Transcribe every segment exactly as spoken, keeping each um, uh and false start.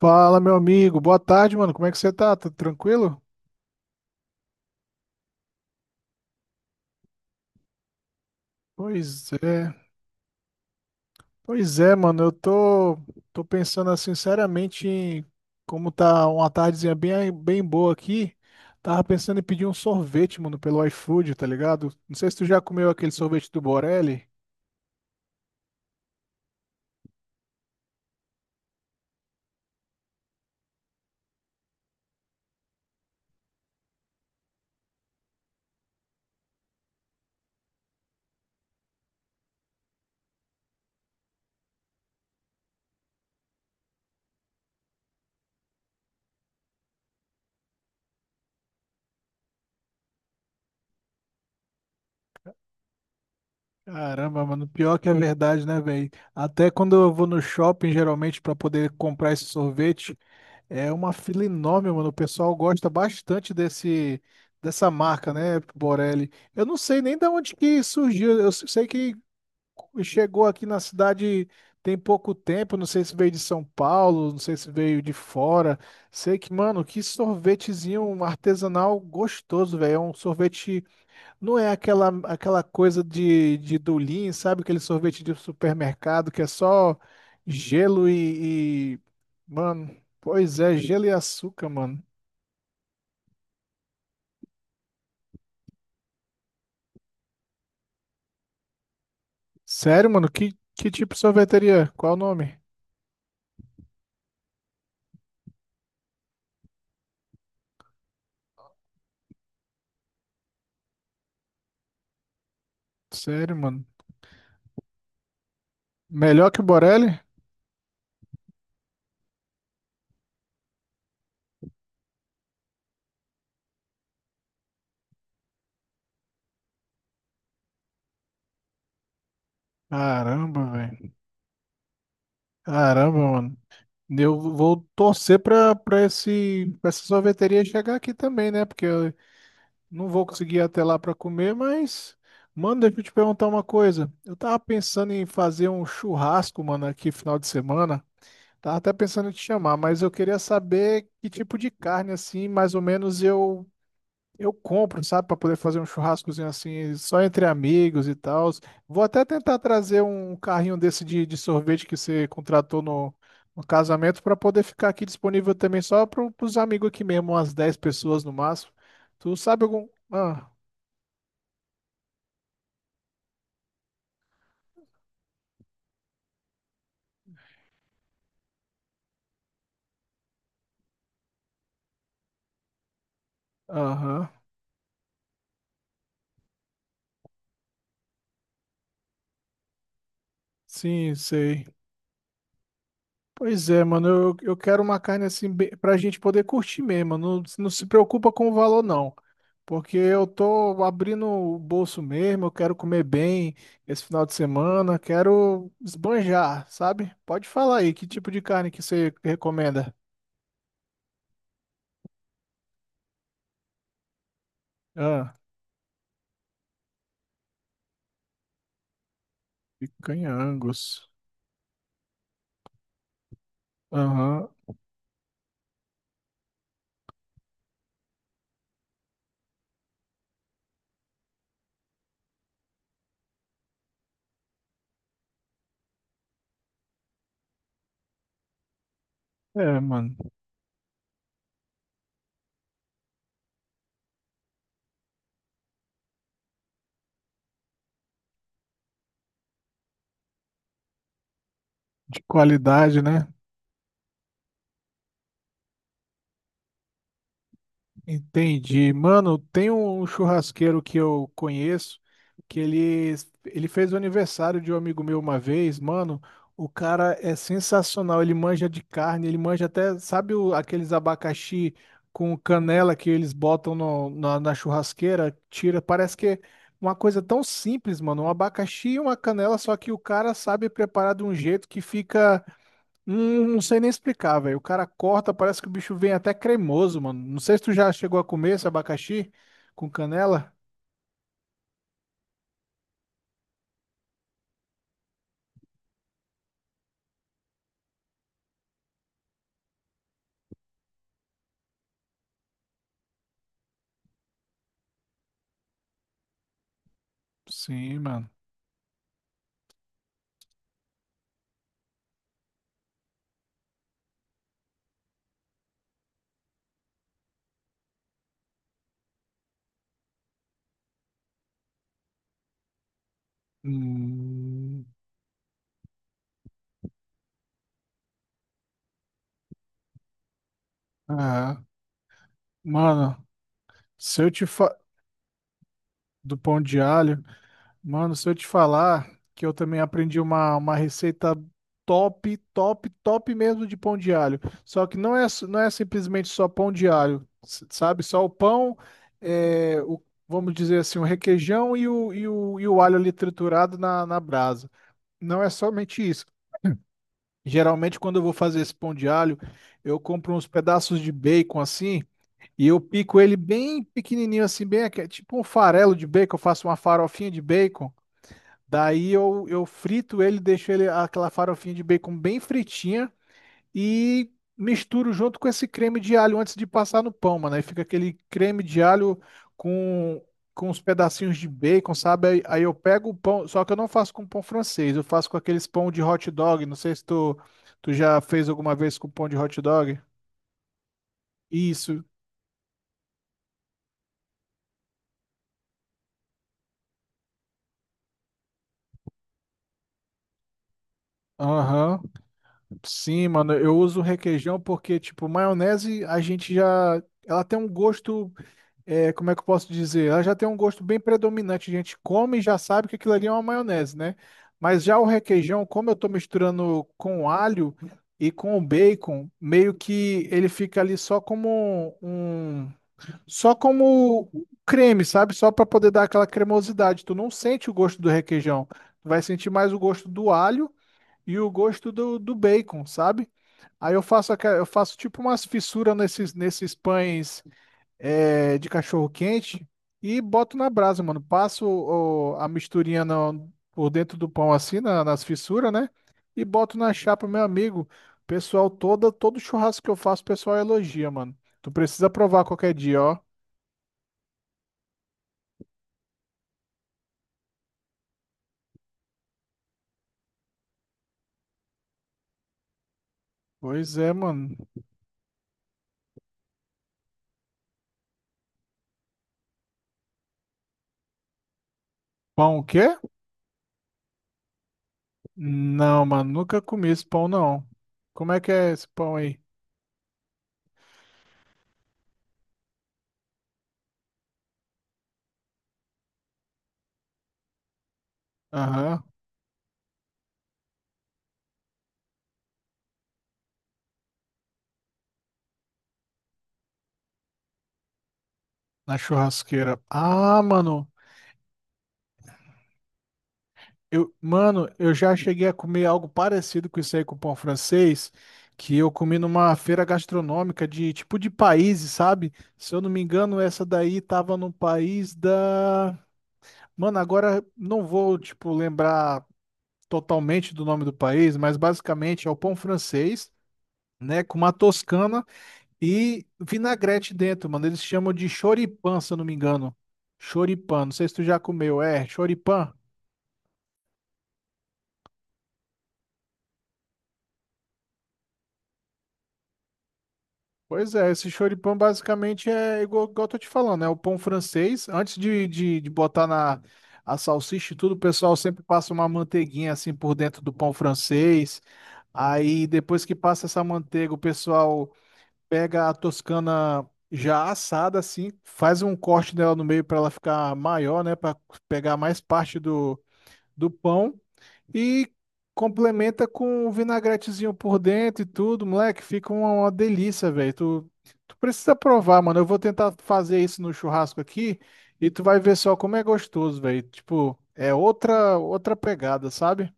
Fala, meu amigo. Boa tarde, mano. Como é que você tá? Tá tranquilo? Pois é. Pois é, mano. Eu tô, tô pensando assim, sinceramente, em como tá uma tardezinha bem, bem boa aqui. Tava pensando em pedir um sorvete, mano, pelo iFood, tá ligado? Não sei se tu já comeu aquele sorvete do Borelli. Caramba, mano, pior que é verdade, né, velho? Até quando eu vou no shopping, geralmente, pra poder comprar esse sorvete, é uma fila enorme, mano. O pessoal gosta bastante desse dessa marca, né, Borelli? Eu não sei nem de onde que surgiu. Eu sei que chegou aqui na cidade tem pouco tempo. Não sei se veio de São Paulo, não sei se veio de fora. Sei que, mano, que sorvetezinho artesanal gostoso, velho. É um sorvete, não é aquela, aquela coisa de, de Dulin, sabe? Aquele sorvete de supermercado que é só gelo e, e- Mano, pois é, gelo e açúcar, mano. Sério, mano? Que, que tipo de sorveteria? Qual o nome? Sério, mano. Melhor que o Borelli? Caramba, velho. Caramba, mano. Eu vou torcer pra, pra, esse, pra essa sorveteria chegar aqui também, né? Porque não vou conseguir ir até lá para comer, mas, mano, deixa eu te perguntar uma coisa. Eu tava pensando em fazer um churrasco, mano, aqui final de semana. Tava até pensando em te chamar, mas eu queria saber que tipo de carne, assim, mais ou menos eu eu compro, sabe, para poder fazer um churrascozinho assim, só entre amigos e tal. Vou até tentar trazer um carrinho desse de, de sorvete que você contratou no, no casamento para poder ficar aqui disponível também só para os amigos aqui mesmo, umas dez pessoas no máximo. Tu sabe algum. Ah. Aham. Sim, sei. Pois é, mano, eu, eu quero uma carne assim bem- pra gente poder curtir mesmo. Não, não se preocupa com o valor, não. Porque eu tô abrindo o bolso mesmo, eu quero comer bem esse final de semana, quero esbanjar, sabe? Pode falar aí, que tipo de carne que você recomenda? Ah, picanha Angus. Aham. É, mano, de qualidade, né? Entendi. Mano, tem um churrasqueiro que eu conheço que ele, ele fez o aniversário de um amigo meu uma vez. Mano, o cara é sensacional. Ele manja de carne, ele manja até, sabe o- aqueles abacaxi com canela que eles botam no- na, na churrasqueira? Tira, parece que é uma coisa tão simples, mano. Um abacaxi e uma canela, só que o cara sabe preparar de um jeito que fica. Hum, não sei nem explicar, velho. O cara corta, parece que o bicho vem até cremoso, mano. Não sei se tu já chegou a comer esse abacaxi com canela. Sim, mano. Hum, ah, mano, se eu te fa... do pão de alho. Mano, se eu te falar que eu também aprendi uma, uma receita top, top, top mesmo de pão de alho. Só que não é, s- não é simplesmente só pão de alho, s- sabe? Só o pão, é, o, vamos dizer assim, o requeijão e o, e o, e o alho ali triturado na, na brasa. Não é somente isso. Geralmente, quando eu vou fazer esse pão de alho, eu compro uns pedaços de bacon assim e eu pico ele bem pequenininho assim, bem aque- tipo um farelo de bacon. Eu faço uma farofinha de bacon. Daí eu, eu frito ele, deixo ele aquela farofinha de bacon bem fritinha e misturo junto com esse creme de alho antes de passar no pão, mano. Aí fica aquele creme de alho com, com os pedacinhos de bacon, sabe? Aí, aí eu pego o pão, só que eu não faço com pão francês, eu faço com aqueles pão de hot dog. Não sei se tu, tu já fez alguma vez com pão de hot dog. Isso. Aham. Sim, mano. Eu uso requeijão porque, tipo, maionese a gente já. Ela tem um gosto. É, como é que eu posso dizer? Ela já tem um gosto bem predominante. A gente come e já sabe que aquilo ali é uma maionese, né? Mas já o requeijão, como eu tô misturando com alho e com o bacon, meio que ele fica ali só como um, só como creme, sabe? Só para poder dar aquela cremosidade. Tu não sente o gosto do requeijão. Tu vai sentir mais o gosto do alho e o gosto do, do bacon, sabe? Aí eu faço, aqua- eu faço tipo umas fissuras nesses, nesses pães é, de cachorro quente e boto na brasa, mano. Passo o- a misturinha no- por dentro do pão assim, na- nas fissuras, né? E boto na chapa, meu amigo. Pessoal, toda, todo churrasco que eu faço, o pessoal elogia, mano. Tu precisa provar qualquer dia, ó. Pois é, mano. Pão o quê? Não, mano, nunca comi esse pão, não. Como é que é esse pão aí? Aham, na churrasqueira. Ah, mano. Eu, mano, eu já cheguei a comer algo parecido com isso aí com pão francês, que eu comi numa feira gastronômica de tipo de países, sabe? Se eu não me engano, essa daí tava no país da. Mano, agora não vou, tipo, lembrar totalmente do nome do país, mas basicamente é o pão francês, né? Com uma toscana e vinagrete dentro, mano. Eles chamam de choripan, se eu não me engano. Choripan, não sei se tu já comeu, é, choripan. Pois é, esse choripã basicamente é igual, igual eu tô te falando, é o pão francês. Antes de, de, de botar na a salsicha e tudo, o pessoal sempre passa uma manteiguinha assim por dentro do pão francês. Aí depois que passa essa manteiga, o pessoal pega a toscana já assada assim, faz um corte dela no meio para ela ficar maior, né, para pegar mais parte do do pão e complementa com um vinagretezinho por dentro e tudo, moleque, fica uma, uma delícia, velho. Tu, tu precisa provar, mano. Eu vou tentar fazer isso no churrasco aqui e tu vai ver só como é gostoso, velho. Tipo, é outra outra pegada, sabe?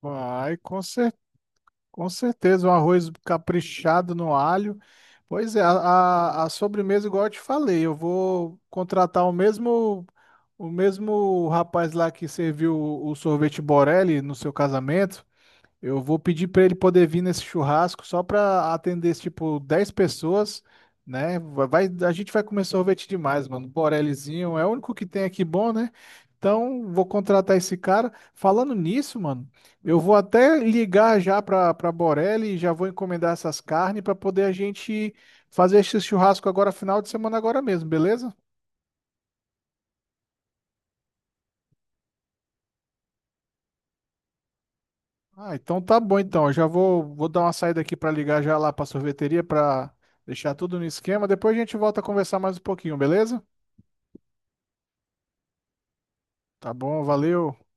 Vai, com certeza. Com certeza, um arroz caprichado no alho. Pois é, a, a- a sobremesa, igual eu te falei, eu vou contratar o mesmo o mesmo rapaz lá que serviu o, o sorvete Borelli no seu casamento. Eu vou pedir para ele poder vir nesse churrasco só para atender, tipo, dez pessoas, né? Vai, vai- a gente vai comer sorvete demais, mano. Borellizinho é o único que tem aqui bom, né? Então, vou contratar esse cara. Falando nisso, mano, eu vou até ligar já para para Borelli e já vou encomendar essas carnes para poder a gente fazer esse churrasco agora, final de semana agora mesmo, beleza? Ah, então tá bom então. Eu já vou vou dar uma saída aqui para ligar já lá para sorveteria para deixar tudo no esquema. Depois a gente volta a conversar mais um pouquinho, beleza? Tá bom, valeu.